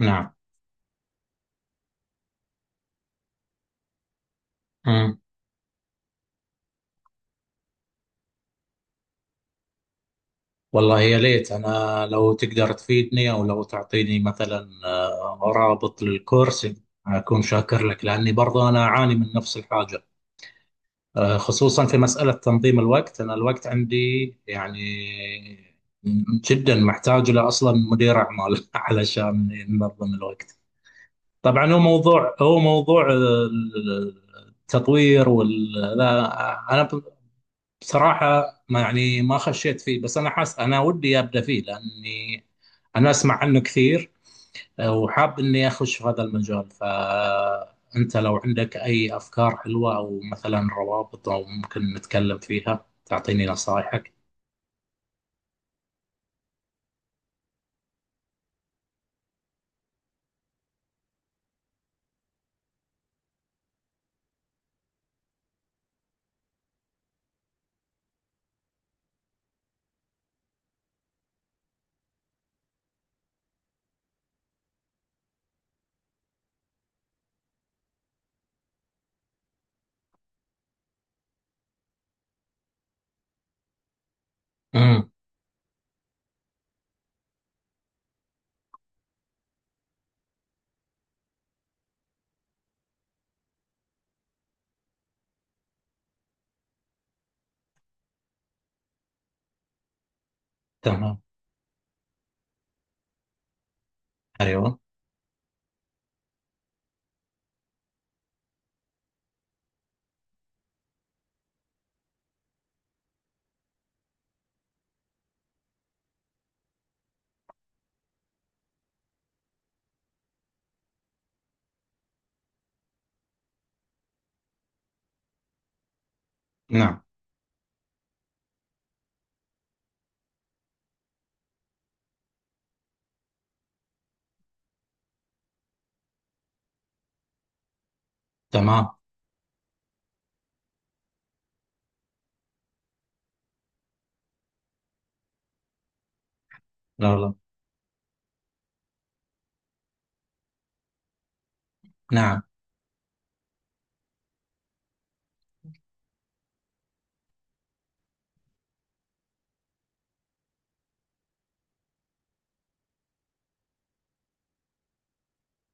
نعم. مم. والله، يا ليت أنا لو تقدر تفيدني أو لو تعطيني مثلا رابط للكورس. أكون شاكر لك لأني برضه أنا أعاني من نفس الحاجة. خصوصا في مسألة تنظيم الوقت، أنا الوقت عندي يعني جدا محتاج له أصلا مدير أعمال علشان ينظم الوقت. طبعا هو موضوع التطوير لا. أنا بصراحة ما يعني ما خشيت فيه، بس أنا حاس أنا ودي أبدأ فيه لأني أنا أسمع عنه كثير، وحاب إني أخش في هذا المجال. فأنت لو عندك أي أفكار حلوة أو مثلا روابط أو ممكن نتكلم فيها تعطيني نصائحك. امم. تمام. أيوه. نعم. تمام. لا، لا. نعم.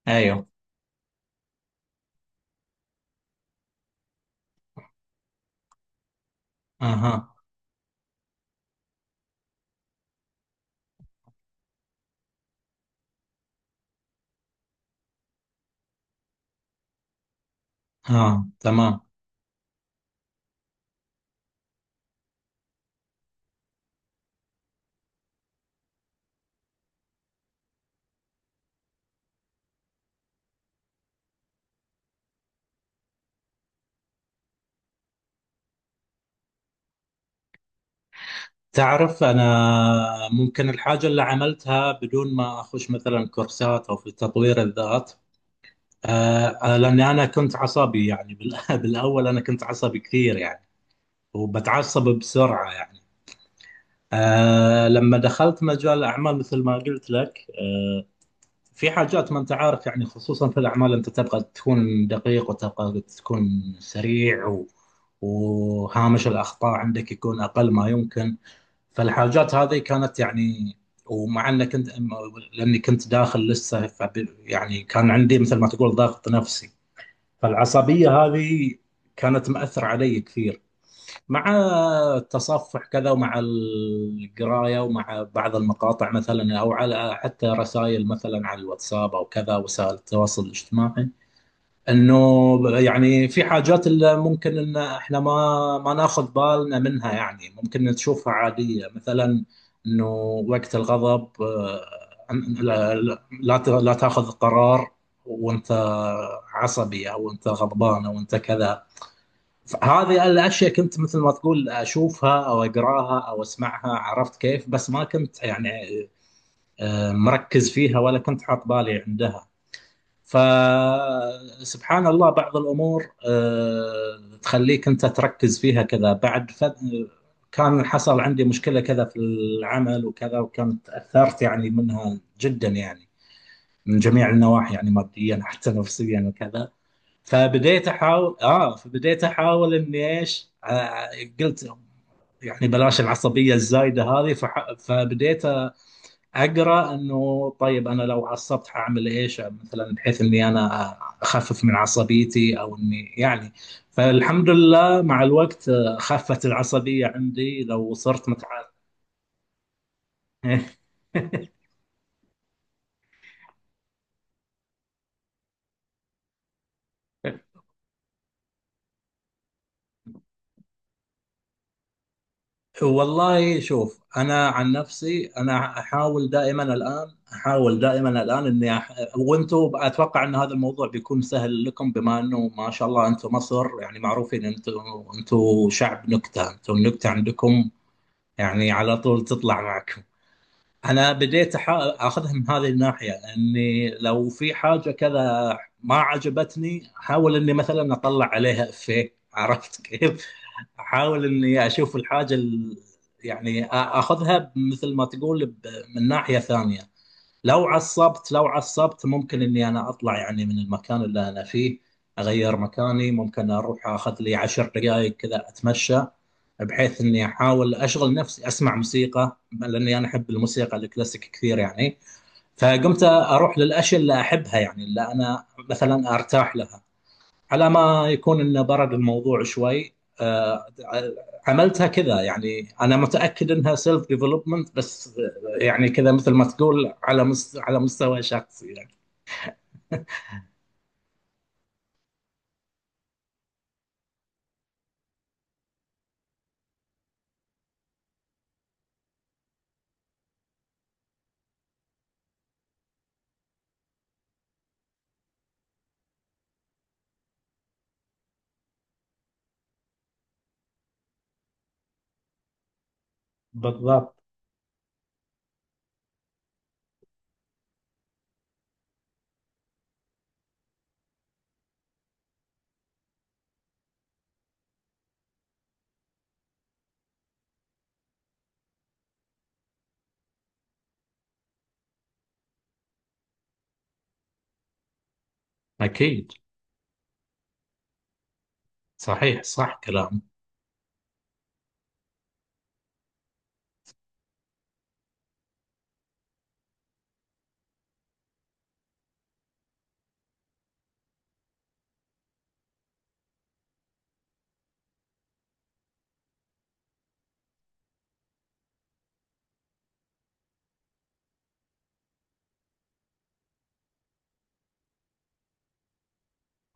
أيوه. أها. آه، تمام. تعرف أنا ممكن الحاجة اللي عملتها بدون ما أخش مثلا كورسات أو في تطوير الذات. آه، لاني انا كنت عصبي، يعني بالاول انا كنت عصبي كثير يعني، وبتعصب بسرعه يعني. آه، لما دخلت مجال الاعمال مثل ما قلت لك آه، في حاجات ما انت عارف يعني، خصوصا في الاعمال انت تبغى تكون دقيق وتبغى تكون سريع وهامش الاخطاء عندك يكون اقل ما يمكن. فالحاجات هذه كانت يعني، ومع انك كنت، لاني كنت داخل لسه، يعني كان عندي مثل ما تقول ضغط نفسي. فالعصبية هذه كانت مأثرة علي كثير، مع التصفح كذا ومع القراية ومع بعض المقاطع مثلا، أو على حتى رسائل مثلا على الواتساب أو كذا وسائل التواصل الاجتماعي، انه يعني في حاجات اللي ممكن ان احنا ما ناخذ بالنا منها، يعني ممكن تشوفها عادية مثلا. انه وقت الغضب، لا، لا تاخذ قرار وانت عصبي او انت غضبان او انت كذا. هذه الاشياء كنت مثل ما تقول اشوفها او اقراها او اسمعها، عرفت كيف؟ بس ما كنت يعني مركز فيها ولا كنت حاط بالي عندها. فسبحان الله بعض الأمور تخليك أنت تركز فيها كذا بعد. كان حصل عندي مشكلة كذا في العمل وكذا، وكنت تأثرت يعني منها جدا يعني، من جميع النواحي يعني، ماديا حتى نفسيا وكذا. فبديت أحاول إني إيش، قلت يعني بلاش العصبية الزايدة هذه. فبديت اقرا انه طيب انا لو عصبت حاعمل ايش مثلا، بحيث اني انا اخفف من عصبيتي او اني يعني. فالحمد لله مع الوقت خفت العصبيه عندي لو صرت متعال. والله، شوف انا عن نفسي، انا احاول دائما الان اني وانتم اتوقع ان هذا الموضوع بيكون سهل لكم، بما انه ما شاء الله انتم مصر يعني معروفين، انتم شعب نكته، انتم النكته عندكم يعني على طول تطلع معكم. انا بديت اخذها من هذه الناحيه، اني لو في حاجه كذا ما عجبتني احاول اني مثلا اطلع عليها افيه، عرفت كيف؟ احاول اني اشوف يعني اخذها مثل ما تقول من ناحيه ثانيه. لو عصبت ممكن اني انا اطلع يعني من المكان اللي انا فيه، اغير مكاني، ممكن اروح اخذ لي 10 دقائق كذا اتمشى، بحيث اني احاول اشغل نفسي، اسمع موسيقى لاني انا احب الموسيقى الكلاسيك كثير يعني. فقمت اروح للاشياء اللي احبها، يعني اللي انا مثلا ارتاح لها، على ما يكون انه برد الموضوع شوي. آه، عملتها كذا يعني، انا متاكد انها سيلف ديفلوبمنت بس، يعني كذا مثل ما تقول على على مستوى شخصي يعني. بالضبط. أكيد. صحيح، صح كلامك.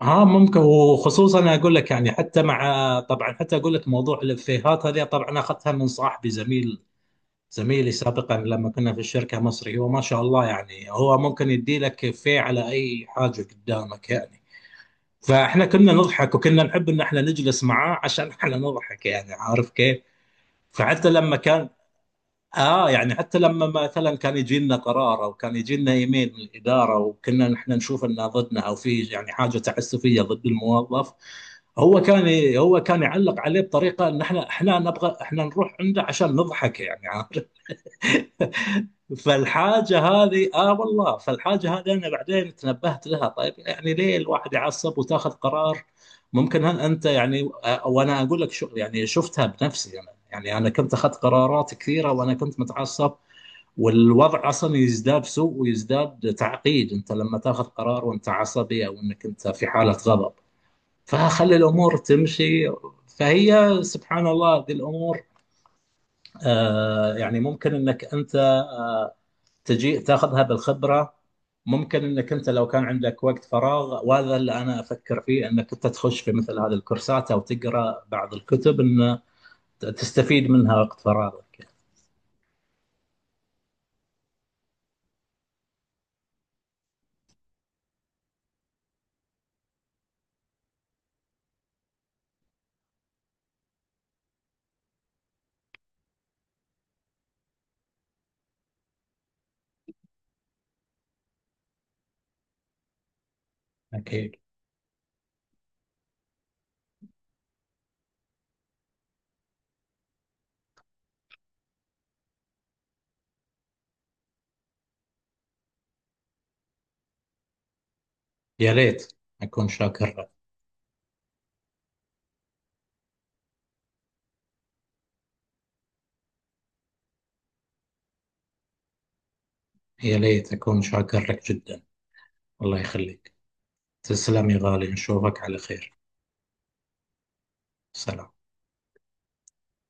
ها ممكن، وخصوصا أنا اقول لك يعني، حتى مع، طبعا حتى اقول لك موضوع الافيهات هذه طبعا اخذتها من صاحبي زميل، زميلي سابقا لما كنا في الشركه مصري. هو ما شاء الله يعني، هو ممكن يدي لك افيه على اي حاجه قدامك يعني. فاحنا كنا نضحك وكنا نحب ان احنا نجلس معاه عشان احنا نضحك، يعني عارف كيف؟ فحتى لما كان، اه، يعني حتى لما مثلا كان يجي لنا قرار او كان يجي لنا ايميل من الاداره، وكنا نحن نشوف انه ضدنا او في يعني حاجه تعسفيه ضد الموظف، هو كان يعلق عليه بطريقه، ان احنا نبغى احنا نروح عنده عشان نضحك يعني، عارف؟ فالحاجه هذه، اه والله، فالحاجه هذه انا بعدين تنبهت لها. طيب يعني ليه الواحد يعصب وتاخذ قرار؟ ممكن هل انت يعني، وانا اقول لك شو، يعني شفتها بنفسي، انا يعني انا كنت اخذت قرارات كثيره وانا كنت متعصب، والوضع اصلا يزداد سوء ويزداد تعقيد انت لما تاخذ قرار وانت عصبي او انك انت في حاله غضب. فخلي الامور تمشي. فهي سبحان الله ذي الامور يعني، ممكن انك انت تجي تاخذها بالخبره. ممكن انك انت لو كان عندك وقت فراغ، وهذا اللي انا افكر فيه، انك انت تخش في مثل هذه الكورسات او تقرا بعض الكتب ان تستفيد منها وقت فراغك. اكيد. يا ريت، اكون شاكر. يا ليت أكون شاكر لك جدا. الله يخليك. تسلم يا غالي، نشوفك على خير. سلام.